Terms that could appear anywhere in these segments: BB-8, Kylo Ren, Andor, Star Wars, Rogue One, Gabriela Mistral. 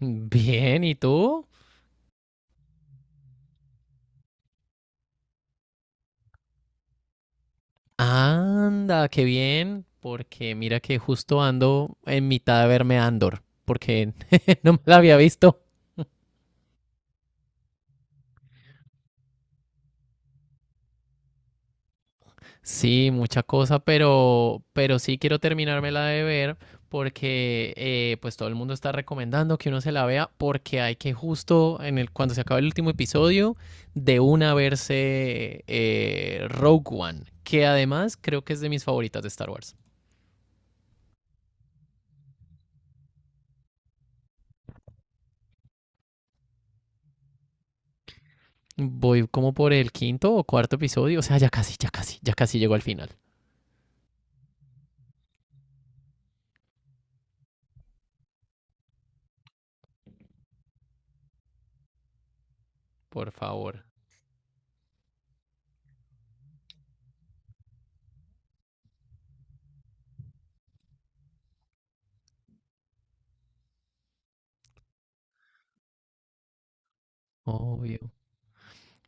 Bien, ¿y tú? Anda, qué bien, porque mira que justo ando en mitad de verme Andor, porque no me la había visto. Sí, mucha cosa, pero sí quiero terminármela de ver porque pues todo el mundo está recomendando que uno se la vea porque hay que justo en el, cuando se acabe el último episodio de una verse Rogue One, que además creo que es de mis favoritas de Star Wars. Voy como por el quinto o cuarto episodio. O sea, ya casi, ya casi, ya casi llego al final. Por favor. Obvio.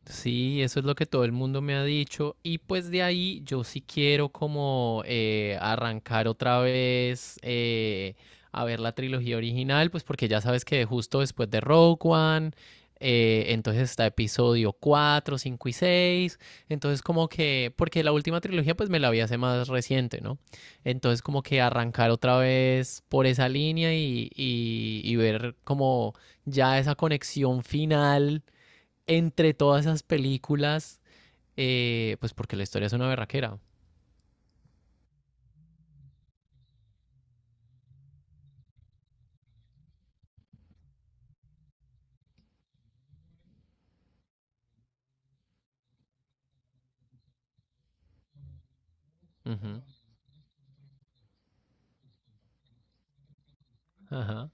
Sí, eso es lo que todo el mundo me ha dicho. Y pues de ahí yo sí quiero como arrancar otra vez a ver la trilogía original, pues porque ya sabes que justo después de Rogue One, entonces está episodio 4, 5 y seis. Entonces como que, porque la última trilogía pues me la vi hace más reciente, ¿no? Entonces como que arrancar otra vez por esa línea y ver como ya esa conexión final entre todas esas películas, pues porque la historia es una berraquera. Ujú. Ajá.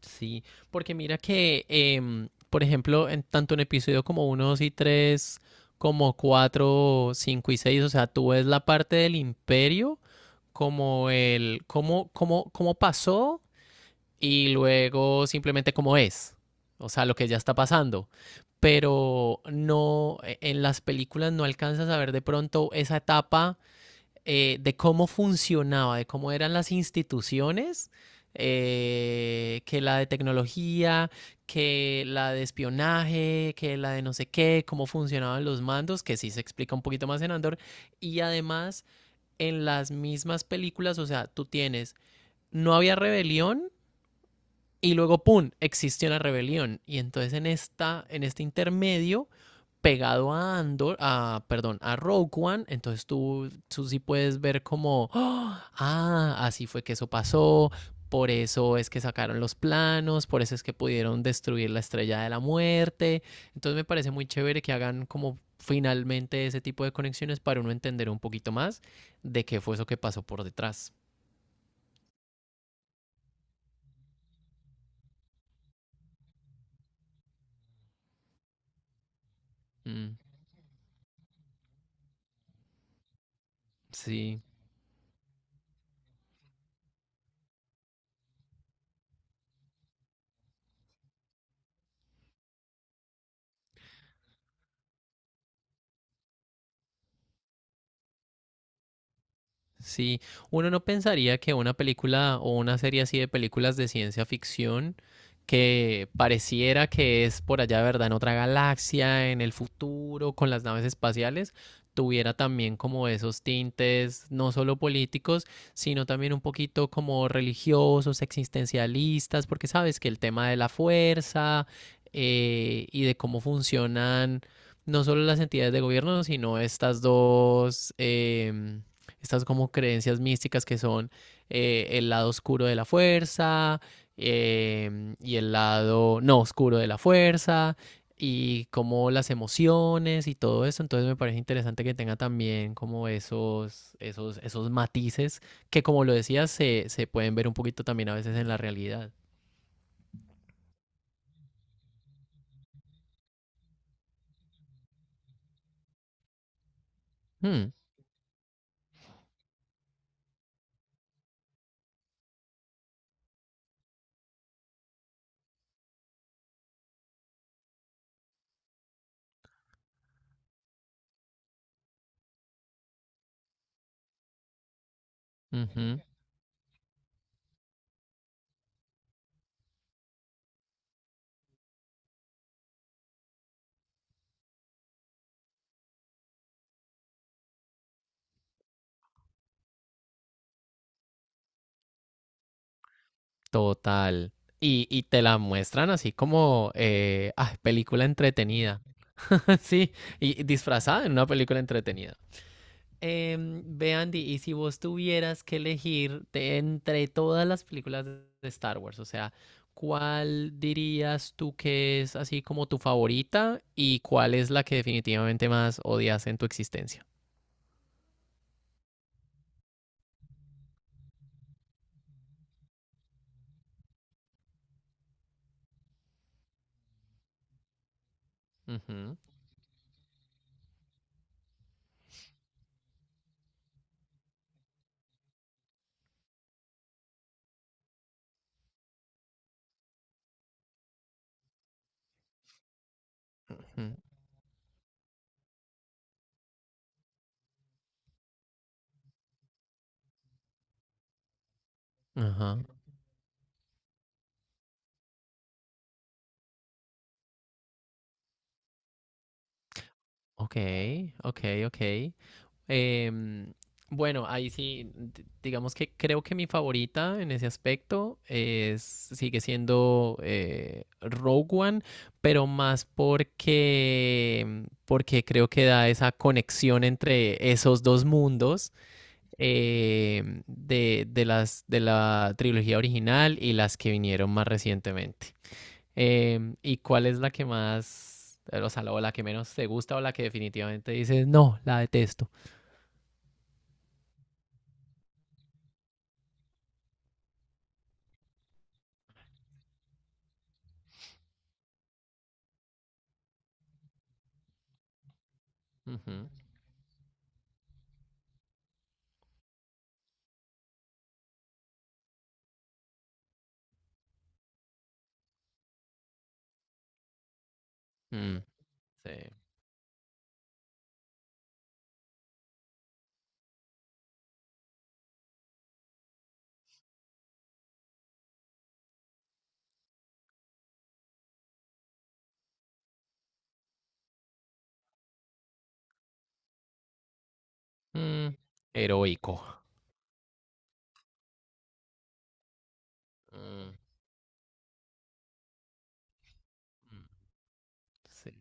Sí, porque mira que, por ejemplo, en tanto en episodio como uno, 2 y 3, como 4, 5 y 6, o sea, tú ves la parte del imperio como el cómo pasó y luego simplemente cómo es, o sea, lo que ya está pasando. Pero no, en las películas no alcanzas a ver de pronto esa etapa de cómo funcionaba, de cómo eran las instituciones, que la de tecnología, que la de espionaje, que la de no sé qué, cómo funcionaban los mandos, que sí se explica un poquito más en Andor. Y además, en las mismas películas, o sea, tú tienes, no había rebelión, y luego, ¡pum!, existió una rebelión. Y entonces en este intermedio, pegado a Andor, a, perdón, a Rogue One, entonces tú sí puedes ver como, ¡oh! ah, así fue que eso pasó, por eso es que sacaron los planos, por eso es que pudieron destruir la estrella de la muerte. Entonces me parece muy chévere que hagan como finalmente ese tipo de conexiones para uno entender un poquito más de qué fue eso que pasó por detrás. Mm, sí. Sí, uno no pensaría que una película o una serie así de películas de ciencia ficción que pareciera que es por allá, ¿verdad? En otra galaxia, en el futuro, con las naves espaciales, tuviera también como esos tintes, no solo políticos, sino también un poquito como religiosos, existencialistas, porque sabes que el tema de la fuerza y de cómo funcionan no solo las entidades de gobierno, sino estas estas como creencias místicas que son el lado oscuro de la fuerza y el lado no oscuro de la fuerza y como las emociones y todo eso. Entonces me parece interesante que tenga también como esos matices que como lo decías se pueden ver un poquito también a veces en la realidad. Hmm. Ujú. Total. Y te la muestran así como ah, película entretenida. Sí, y disfrazada en una película entretenida. Ve Andy, y si vos tuvieras que elegir de entre todas las películas de Star Wars, o sea, ¿cuál dirías tú que es así como tu favorita y cuál es la que definitivamente más odias en tu existencia? Ujú, ujú. Ajá, ok, ok, ok. Em, bueno, ahí sí, digamos que creo que mi favorita en ese aspecto es, sigue siendo Rogue One, pero más porque, porque creo que da esa conexión entre esos dos mundos de la trilogía original y las que vinieron más recientemente. Em, ¿y cuál es la que más, o sea, la- o la que menos te gusta o la que definitivamente dices, no, la detesto? Ujú. Mm. Sí. Mm. Heroico. Mm, mm, sí.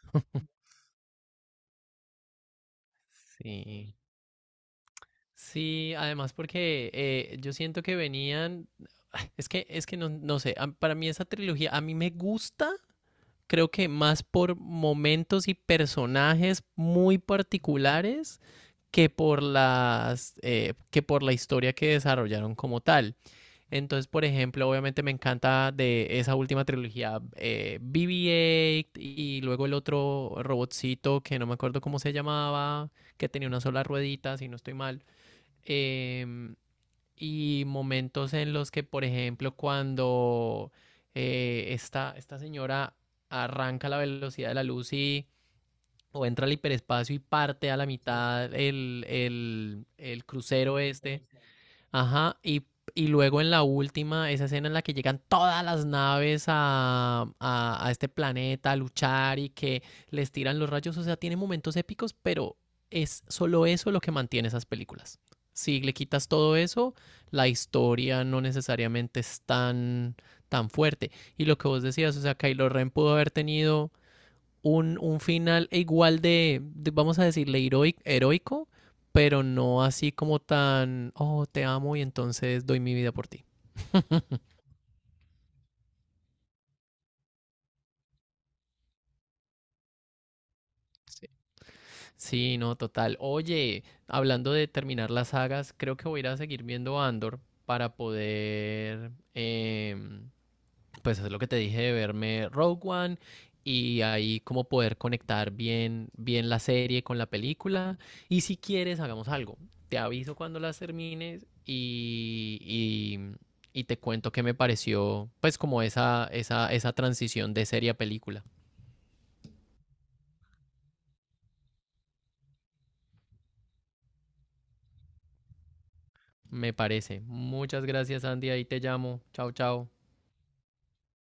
Sí. Sí, además porque yo siento que venían. Es que no, no sé. Para mí esa trilogía, a mí me gusta. Creo que más por momentos y personajes muy particulares, que por las que por la historia que desarrollaron como tal. Entonces, por ejemplo, obviamente me encanta de esa última trilogía BB-8 y luego el otro robotcito que no me acuerdo cómo se llamaba, que tenía una sola ruedita, si no estoy mal. Em, y momentos en los que, por ejemplo, cuando esta señora arranca a la velocidad de la luz y o entra al hiperespacio y parte a la mitad el crucero este. Ajá, y luego en la última, esa escena en la que llegan todas las naves a este planeta a luchar y que les tiran los rayos, o sea, tiene momentos épicos, pero es solo eso lo que mantiene esas películas. Si le quitas todo eso, la historia no necesariamente es tan, tan fuerte. Y lo que vos decías, o sea, Kylo Ren pudo haber tenido un final igual de, vamos a decirle, heroico, pero no así como tan, oh, te amo y entonces doy mi vida por ti. Sí. Sí, no, total. Oye, hablando de terminar las sagas, creo que voy a ir a seguir viendo Andor para poder pues es lo que te dije de verme Rogue One y ahí como poder conectar bien, bien la serie con la película. Y si quieres, hagamos algo. Te aviso cuando las termines y te cuento qué me pareció, pues como esa transición de serie a película. Me parece. Muchas gracias, Andy. Ahí te llamo. Chao, chao.